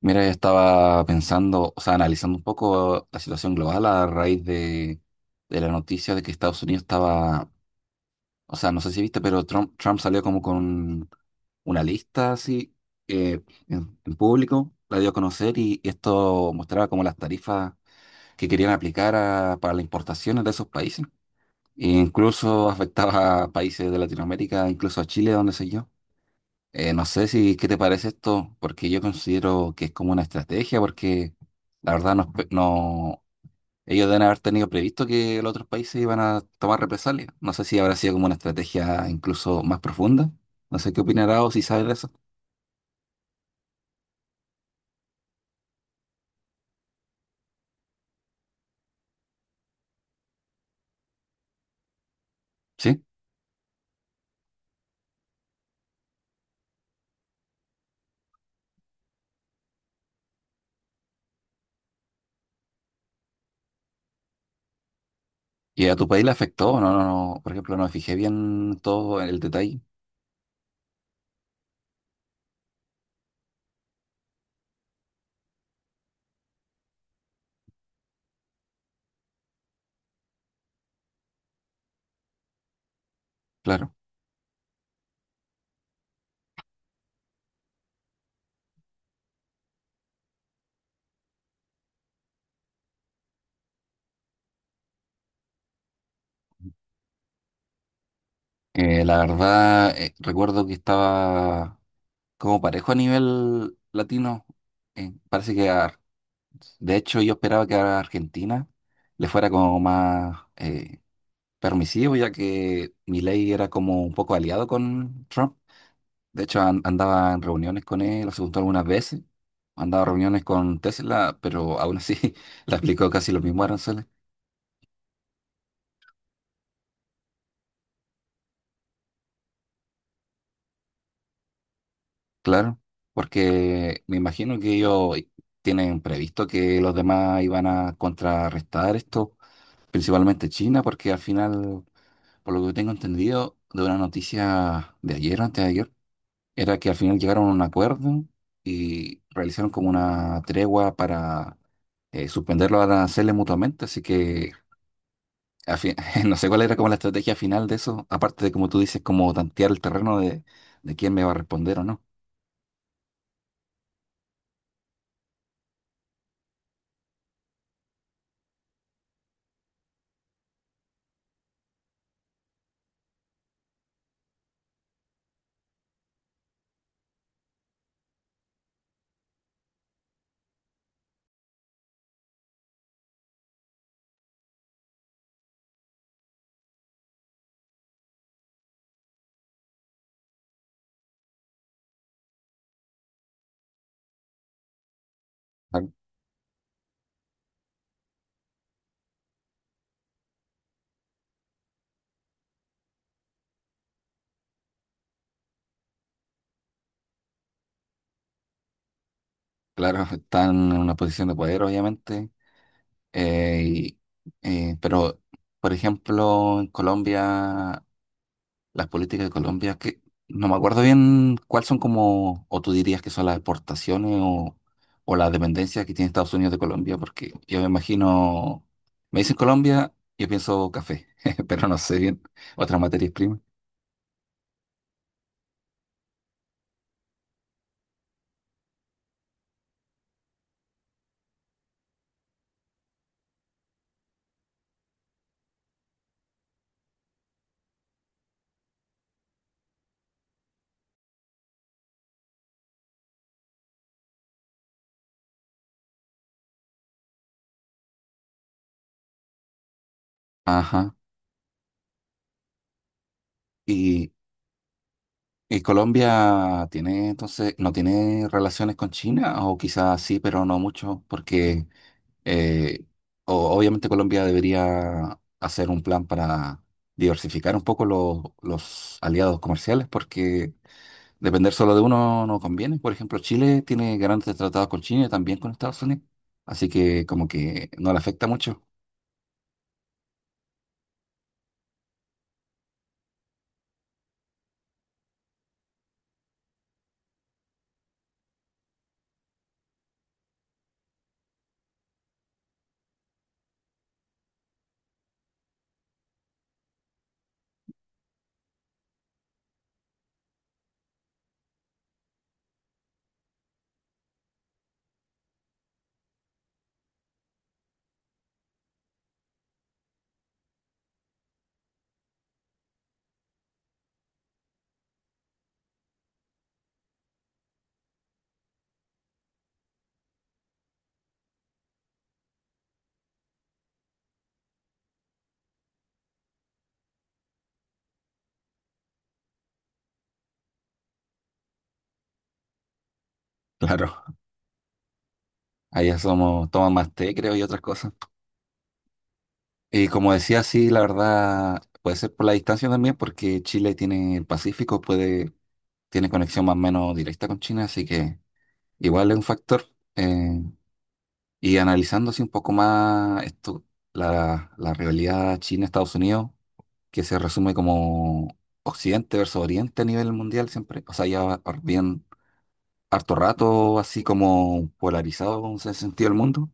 Mira, yo estaba pensando, o sea, analizando un poco la situación global a raíz de la noticia de que Estados Unidos estaba, o sea, no sé si viste, pero Trump salió como con una lista así eh, en público, la dio a conocer y esto mostraba como las tarifas que querían aplicar para las importaciones de esos países. E incluso afectaba a países de Latinoamérica, incluso a Chile, donde sé yo. No sé si qué te parece esto, porque yo considero que es como una estrategia, porque la verdad no, ellos deben haber tenido previsto que los otros países iban a tomar represalias. No sé si habrá sido como una estrategia incluso más profunda. No sé qué opinarás o si sabes de eso. Sí. ¿Y a tu país le afectó? No, no, no. Por ejemplo, no me fijé bien todo el detalle. Claro. La verdad, recuerdo que estaba como parejo a nivel latino. Eh, parece que a. De hecho, yo esperaba que a Argentina le fuera como más permisivo, ya que Milei era como un poco aliado con Trump. De hecho, andaba en reuniones con él, lo juntó algunas veces. Andaba en reuniones con Tesla, pero aún así le aplicó casi los mismos aranceles. Claro, porque me imagino que ellos tienen previsto que los demás iban a contrarrestar esto, principalmente China, porque al final, por lo que tengo entendido, de una noticia de ayer, antes de ayer, era que al final llegaron a un acuerdo y realizaron como una tregua para suspender los aranceles mutuamente, así que a fi- no sé cuál era como la estrategia final de eso, aparte de como tú dices, como tantear el terreno de quién me va a responder o no. Ah, claro, están en una posición de poder, obviamente, eh, y, pero, por ejemplo, en Colombia las políticas de Colombia, que no me acuerdo bien cuáles son como, o tú dirías que son las exportaciones o la dependencia que tiene Estados Unidos de Colombia, porque yo me imagino, me dicen Colombia, yo pienso café, pero no sé bien, otras materias primas. Ajá. Y, y Colombia tiene entonces, no tiene relaciones con China, o quizás sí, pero no mucho, porque Eh, obviamente Colombia debería hacer un plan para diversificar un poco los aliados comerciales porque depender solo de uno no conviene. Por ejemplo, Chile tiene grandes tratados con China y también con Estados Unidos, así que como que no le afecta mucho. Claro, allá somos, toman más té, creo, y otras cosas. Y como decía, sí, la verdad, puede ser por la distancia también, porque Chile tiene el Pacífico, puede, tiene conexión más o menos directa con China, así que igual es un factor. Eh, Y analizando así un poco más esto, la rivalidad China-Estados Unidos, que se resume como Occidente versus Oriente a nivel mundial siempre, o sea, ya va bien harto rato así como polarizado en ese sentido el mundo,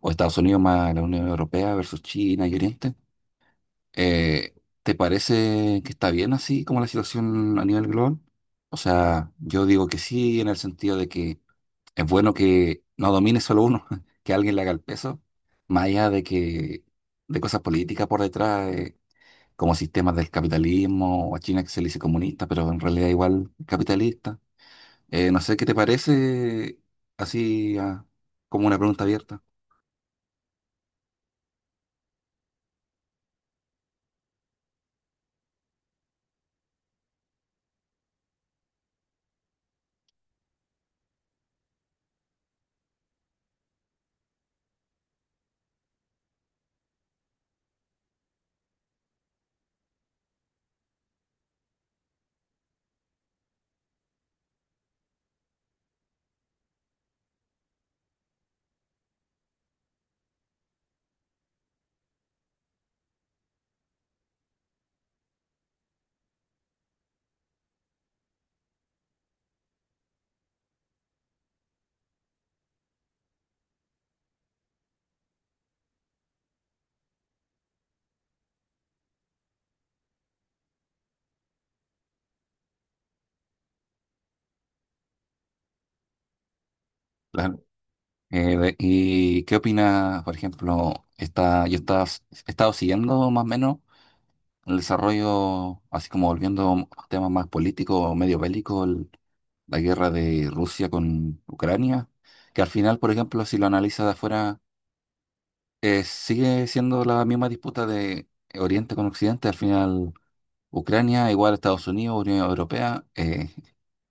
o Estados Unidos más la Unión Europea versus China y Oriente. Eh, ¿Te parece que está bien así como la situación a nivel global? O sea, yo digo que sí, en el sentido de que es bueno que no domine solo uno, que alguien le haga el peso, más allá de que de cosas políticas por detrás, como sistemas del capitalismo, o a China que se le dice comunista, pero en realidad igual capitalista. No sé qué te parece, así como una pregunta abierta. Claro. ¿Y qué opina, por ejemplo, está, yo estaba, he estado siguiendo más o menos el desarrollo, así como volviendo a temas más políticos o medio bélicos, la guerra de Rusia con Ucrania, que al final, por ejemplo, si lo analizas de afuera, sigue siendo la misma disputa de Oriente con Occidente. Al final, Ucrania igual a Estados Unidos, Unión Europea,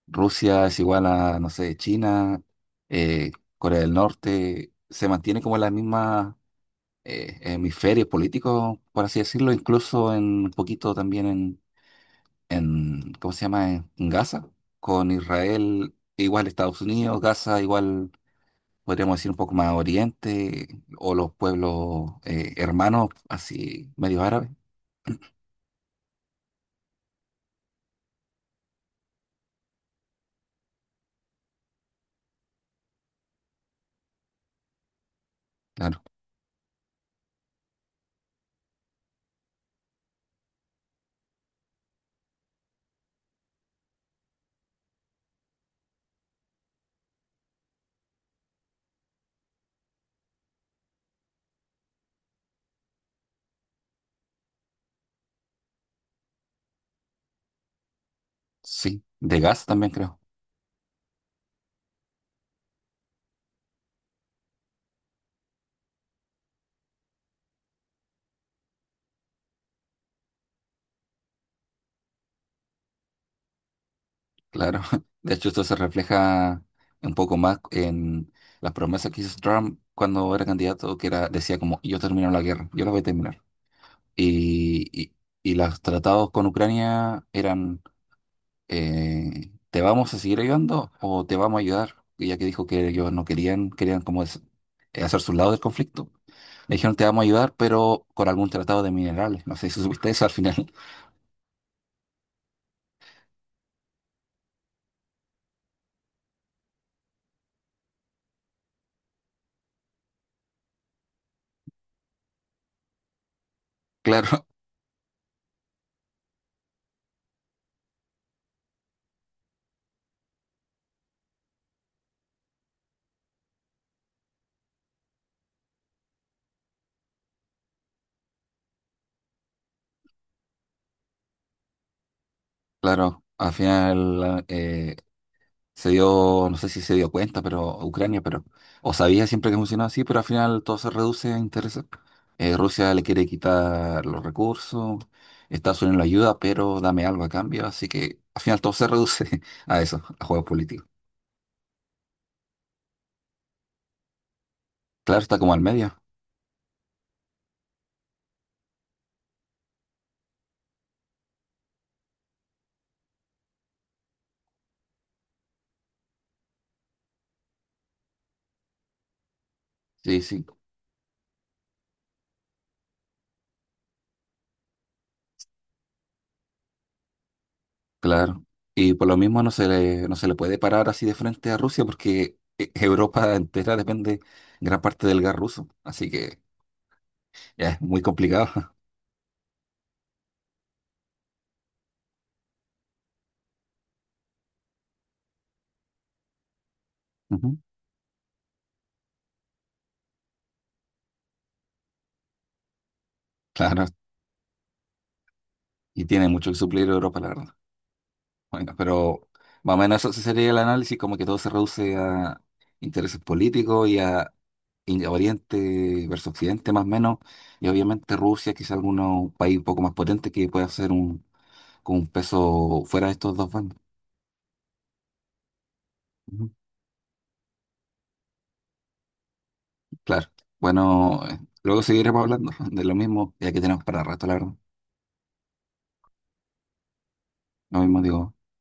Rusia es igual a, no sé, China, eh, Corea del Norte, se mantiene como la misma... hemisferios políticos, por así decirlo, incluso en un poquito también en, ¿cómo se llama? En Gaza, con Israel igual Estados Unidos, Gaza igual podríamos decir un poco más oriente, o los pueblos hermanos, así medio árabes, claro, sí, de Gaza también creo, claro. De hecho, esto se refleja un poco más en las promesas que hizo Trump cuando era candidato, que era, decía como, yo termino la guerra, yo la voy a terminar. Y, y, y los tratados con Ucrania eran ¿te vamos a seguir ayudando o te vamos a ayudar? Y ya que dijo que ellos no querían, querían como hacer su lado del conflicto, le dijeron te vamos a ayudar, pero con algún tratado de minerales. No sé si supiste eso al final. Claro, claro, al final se dio, no sé si se dio cuenta, pero Ucrania, pero, o sabía siempre que funcionaba así, pero al final todo se reduce a intereses. Rusia le quiere quitar los recursos, Estados Unidos lo ayuda, pero dame algo a cambio, así que al final todo se reduce a eso, a juegos políticos. Claro, está como al medio. Sí, sí, claro. Y por lo mismo no se le, no se le puede parar así de frente a Rusia porque Europa entera depende gran parte del gas ruso, así que ya es muy complicado. Ujú. Claro. Y tiene mucho que suplir Europa, la verdad. Bueno, pero más o menos eso sí sería el análisis, como que todo se reduce a intereses políticos y a Oriente versus Occidente, más o menos. Y obviamente Rusia, quizá algún país un poco más potente que pueda hacer un, con un peso fuera de estos dos bandos. Ujú. Claro. Bueno, luego seguiremos hablando de lo mismo, ya que tenemos para rato, la verdad. Lo mismo digo.